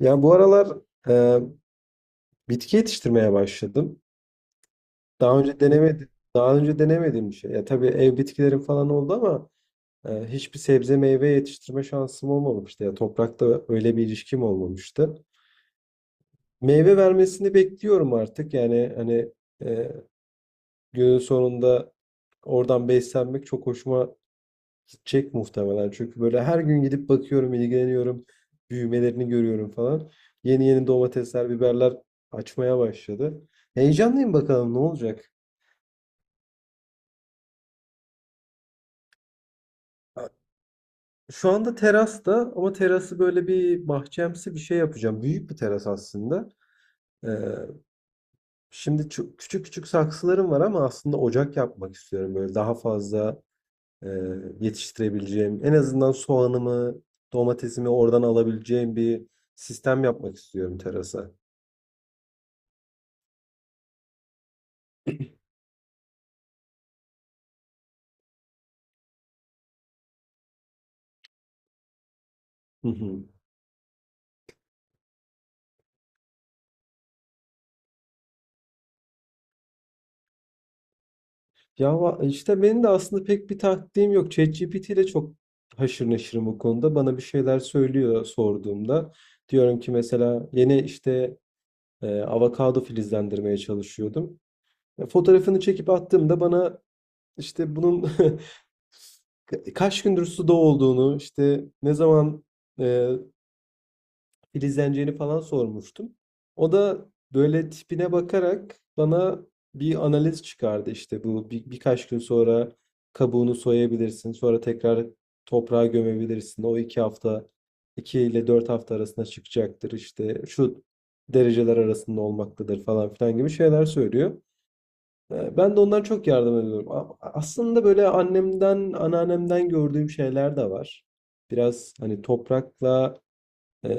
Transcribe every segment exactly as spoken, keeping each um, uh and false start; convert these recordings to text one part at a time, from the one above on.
Ya bu aralar e, bitki yetiştirmeye başladım. Daha önce denemedim. Daha önce denemediğim bir şey. Ya tabii ev bitkilerim falan oldu ama e, hiçbir sebze meyve yetiştirme şansım olmamıştı. Ya toprakta öyle bir ilişkim olmamıştı. Meyve vermesini bekliyorum artık. Yani hani e, günün sonunda oradan beslenmek çok hoşuma gidecek muhtemelen. Çünkü böyle her gün gidip bakıyorum, ilgileniyorum, büyümelerini görüyorum falan. Yeni yeni domatesler, biberler açmaya başladı. Heyecanlıyım, bakalım ne olacak. Şu anda terasta ama terası böyle bir bahçemsi bir şey yapacağım. Büyük bir teras aslında. Ee, şimdi çu- küçük küçük saksılarım var ama aslında ocak yapmak istiyorum. Böyle daha fazla e, yetiştirebileceğim, en azından soğanımı, domatesimi oradan alabileceğim bir sistem yapmak istiyorum terasa. Hı hı. Ya va- işte benim de aslında pek bir taktiğim yok. ChatGPT ile çok haşır neşirim o konuda. Bana bir şeyler söylüyor sorduğumda. Diyorum ki mesela yeni işte e, avokado filizlendirmeye çalışıyordum. E, Fotoğrafını çekip attığımda bana işte bunun ka- kaç gündür suda olduğunu, işte ne zaman e, filizleneceğini falan sormuştum. O da böyle tipine bakarak bana bir analiz çıkardı. İşte bu bir, birkaç gün sonra kabuğunu soyabilirsin, sonra tekrar toprağa gömebilirsin. O iki hafta, iki ile dört hafta arasında çıkacaktır, işte şu dereceler arasında olmaktadır falan filan gibi şeyler söylüyor. Ee, Ben de ondan çok yardım ediyorum. A- Aslında böyle annemden, anneannemden gördüğüm şeyler de var. Biraz hani toprakla ee,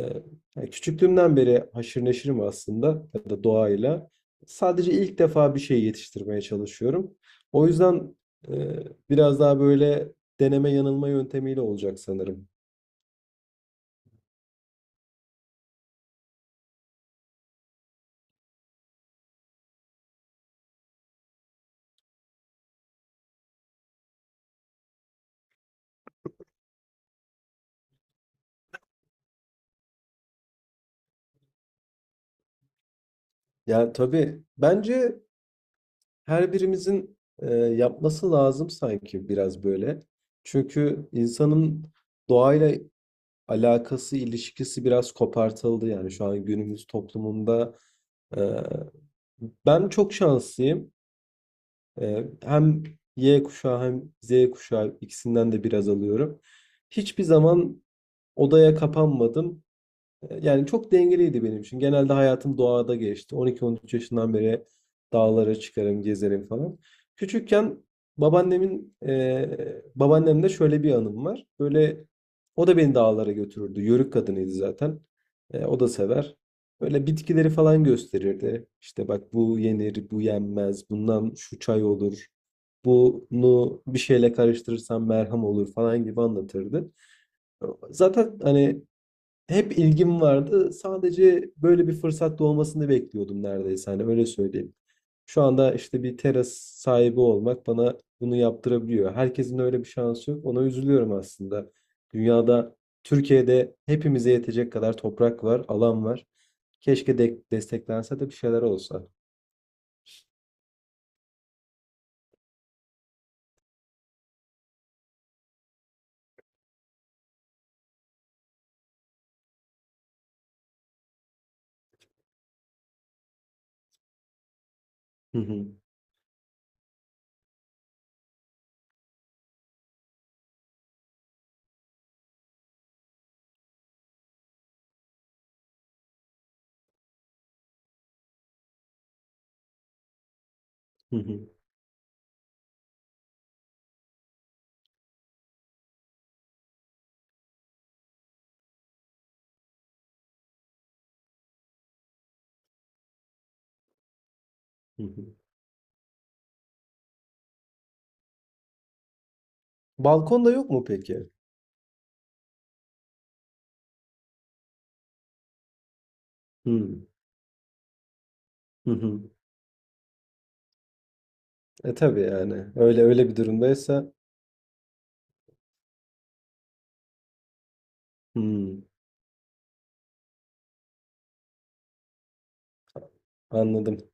yani küçüklüğümden beri haşır neşirim aslında, ya da doğayla. Sadece ilk defa bir şey yetiştirmeye çalışıyorum. O yüzden e, biraz daha böyle deneme yanılma yöntemiyle olacak sanırım. Yani tabii bence her birimizin e, yapması lazım sanki, biraz böyle. Çünkü insanın doğayla alakası, ilişkisi biraz kopartıldı yani şu an günümüz toplumunda. e, ben çok şanslıyım. Ee, hem Y kuşağı hem Z kuşağı, ikisinden de biraz alıyorum. Hiçbir zaman odaya kapanmadım. Yani çok dengeliydi benim için. Genelde hayatım doğada geçti. on iki, on üç yaşından beri dağlara çıkarım, gezerim falan. Küçükken babaannemin e, babaannemde şöyle bir anım var. Böyle o da beni dağlara götürürdü. Yörük kadınıydı zaten. E, o da sever. Böyle bitkileri falan gösterirdi. İşte bak, bu yenir, bu yenmez, bundan şu çay olur. Bunu bir şeyle karıştırırsan merhem olur falan gibi anlatırdı. Zaten hani hep ilgim vardı. Sadece böyle bir fırsat doğmasını bekliyordum neredeyse. Hani öyle söyleyeyim. Şu anda işte bir teras sahibi olmak bana bunu yaptırabiliyor. Herkesin öyle bir şansı yok. Ona üzülüyorum aslında. Dünyada, Türkiye'de hepimize yetecek kadar toprak var, alan var. Keşke de desteklense de bir şeyler olsa. Hı hı, hı hı, hı hı. Balkonda yok mu peki? Hı, hı hı. E tabii yani. Öyle öyle bir durumdaysa. Hı, anladım.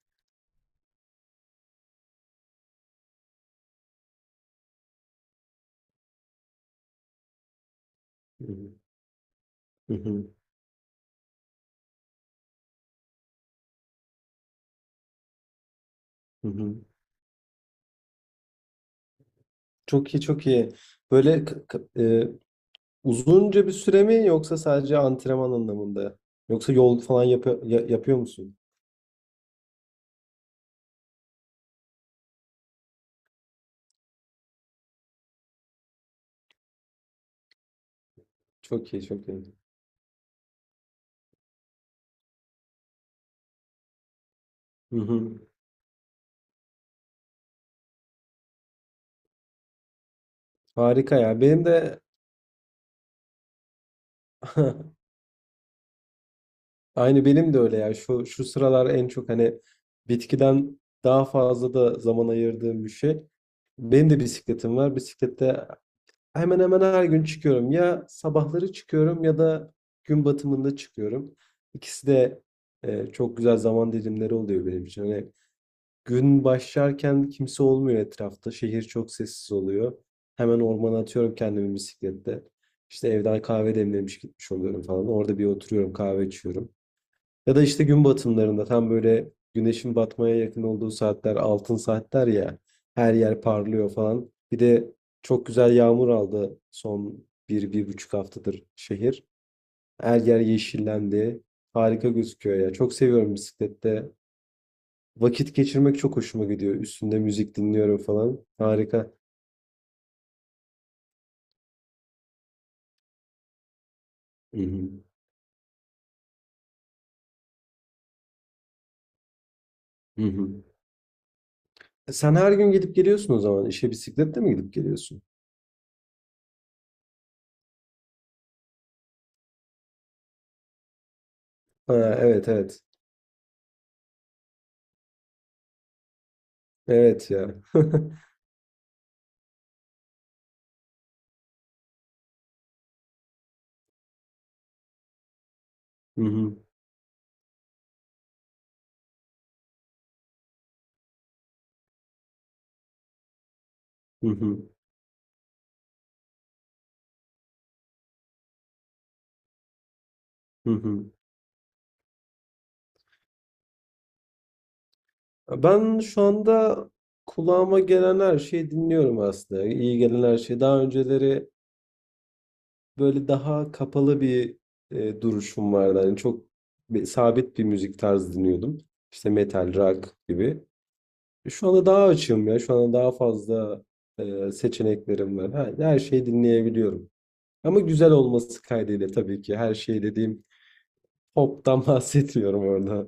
Hı hı, hı hı. Hı hı. Çok iyi, çok iyi. Böyle k- k- e, uzunca bir süre mi, yoksa sadece antrenman anlamında? Yoksa yol falan yapıyor, ya- yapıyor musun? Çok iyi, çok iyi. Hı hı. Harika ya. Benim de aynı benim de öyle ya. Şu şu sıralar en çok hani bitkiden daha fazla da zaman ayırdığım bir şey. Benim de bisikletim var. Bisiklette hemen hemen her gün çıkıyorum. Ya sabahları çıkıyorum, ya da gün batımında çıkıyorum. İkisi de e, çok güzel zaman dilimleri oluyor benim için. Hani gün başlarken kimse olmuyor etrafta. Şehir çok sessiz oluyor. Hemen ormana atıyorum kendimi bisiklette. İşte evden kahve demlemiş gitmiş oluyorum falan. Orada bir oturuyorum, kahve içiyorum. Ya da işte gün batımlarında, tam böyle güneşin batmaya yakın olduğu saatler, altın saatler ya, her yer parlıyor falan. Bir de çok güzel yağmur aldı son bir, bir buçuk haftadır şehir. Her yer yeşillendi. Harika gözüküyor ya. Çok seviyorum bisiklette vakit geçirmek, çok hoşuma gidiyor. Üstünde müzik dinliyorum falan. Harika. Hı hı. Hı hı. Sen her gün gidip geliyorsun o zaman. İşe bisikletle mi gidip geliyorsun? Ha, evet evet. Evet ya. Hı hı. Hı hı. Hı hı. Ben şu anda kulağıma gelen her şeyi dinliyorum aslında. İyi gelen her şeyi. Daha önceleri böyle daha kapalı bir e, duruşum vardı. yani çok bir- sabit bir müzik tarzı dinliyordum. İşte metal, rock gibi. Şu anda daha açığım ya. Şu anda daha fazla e, seçeneklerim var. Her, her şeyi dinleyebiliyorum. Ama güzel olması kaydıyla tabii ki. Her şey dediğim, pop'tan bahsetmiyorum orada.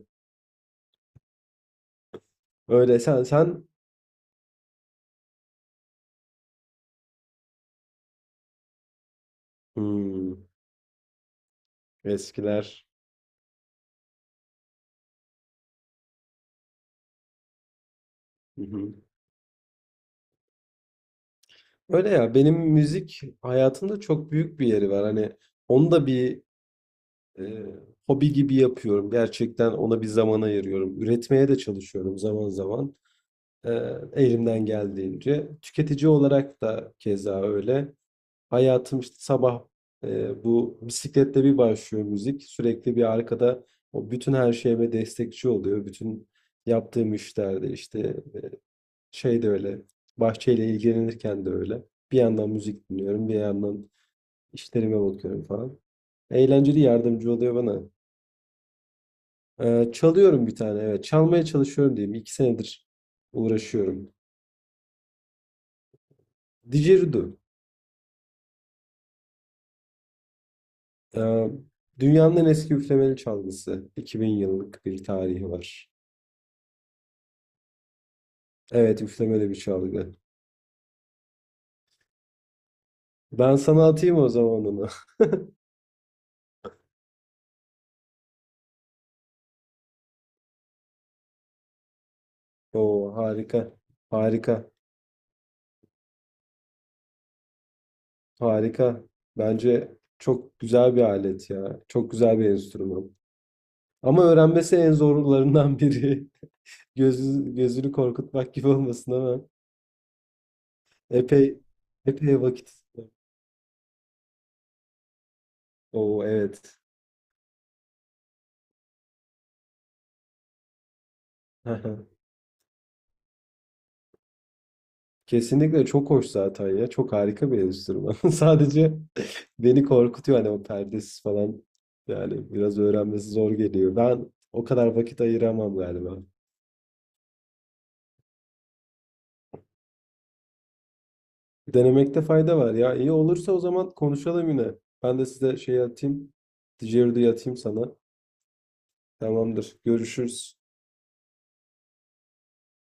Öyle sen sen hmm, eskiler. Öyle ya, benim müzik hayatımda çok büyük bir yeri var. Hani onu da bir e, hobi gibi yapıyorum. Gerçekten ona bir zaman ayırıyorum. Üretmeye de çalışıyorum zaman zaman. E, elimden geldiğince. Tüketici olarak da keza öyle. Hayatım işte sabah e, bu bisikletle bir başlıyor, müzik. Sürekli bir arkada, o bütün her şeyime destekçi oluyor. Bütün yaptığım işlerde işte, şey de öyle. Bahçeyle ilgilenirken de öyle. Bir yandan müzik dinliyorum, bir yandan işlerime bakıyorum falan. Eğlenceli, yardımcı oluyor bana. Ee, çalıyorum bir tane, evet. Çalmaya çalışıyorum diyeyim. İki senedir uğraşıyorum. Didgeridoo. Ee, dünyanın en eski üflemeli çalgısı. iki bin yıllık bir tarihi var. Evet, üflemeli bir çalgı. Ben sana atayım o zaman onu. Oo, harika. Harika. Harika. Bence çok güzel bir alet ya. Çok güzel bir enstrüman. Ama öğrenmesi en zorlarından biri. Gözü, gözünü korkutmak gibi olmasın ama epey epey vakit. istiyor. Oo, evet. Kesinlikle çok hoş zaten ya. Çok harika bir enstrüman. Sadece beni korkutuyor hani, o perdesiz falan. Yani biraz öğrenmesi zor geliyor. Ben o kadar vakit ayıramam galiba. Denemekte fayda var ya. İyi olursa o zaman konuşalım yine. Ben de size şey atayım. Didgeridoo'yu atayım sana. Tamamdır. Görüşürüz.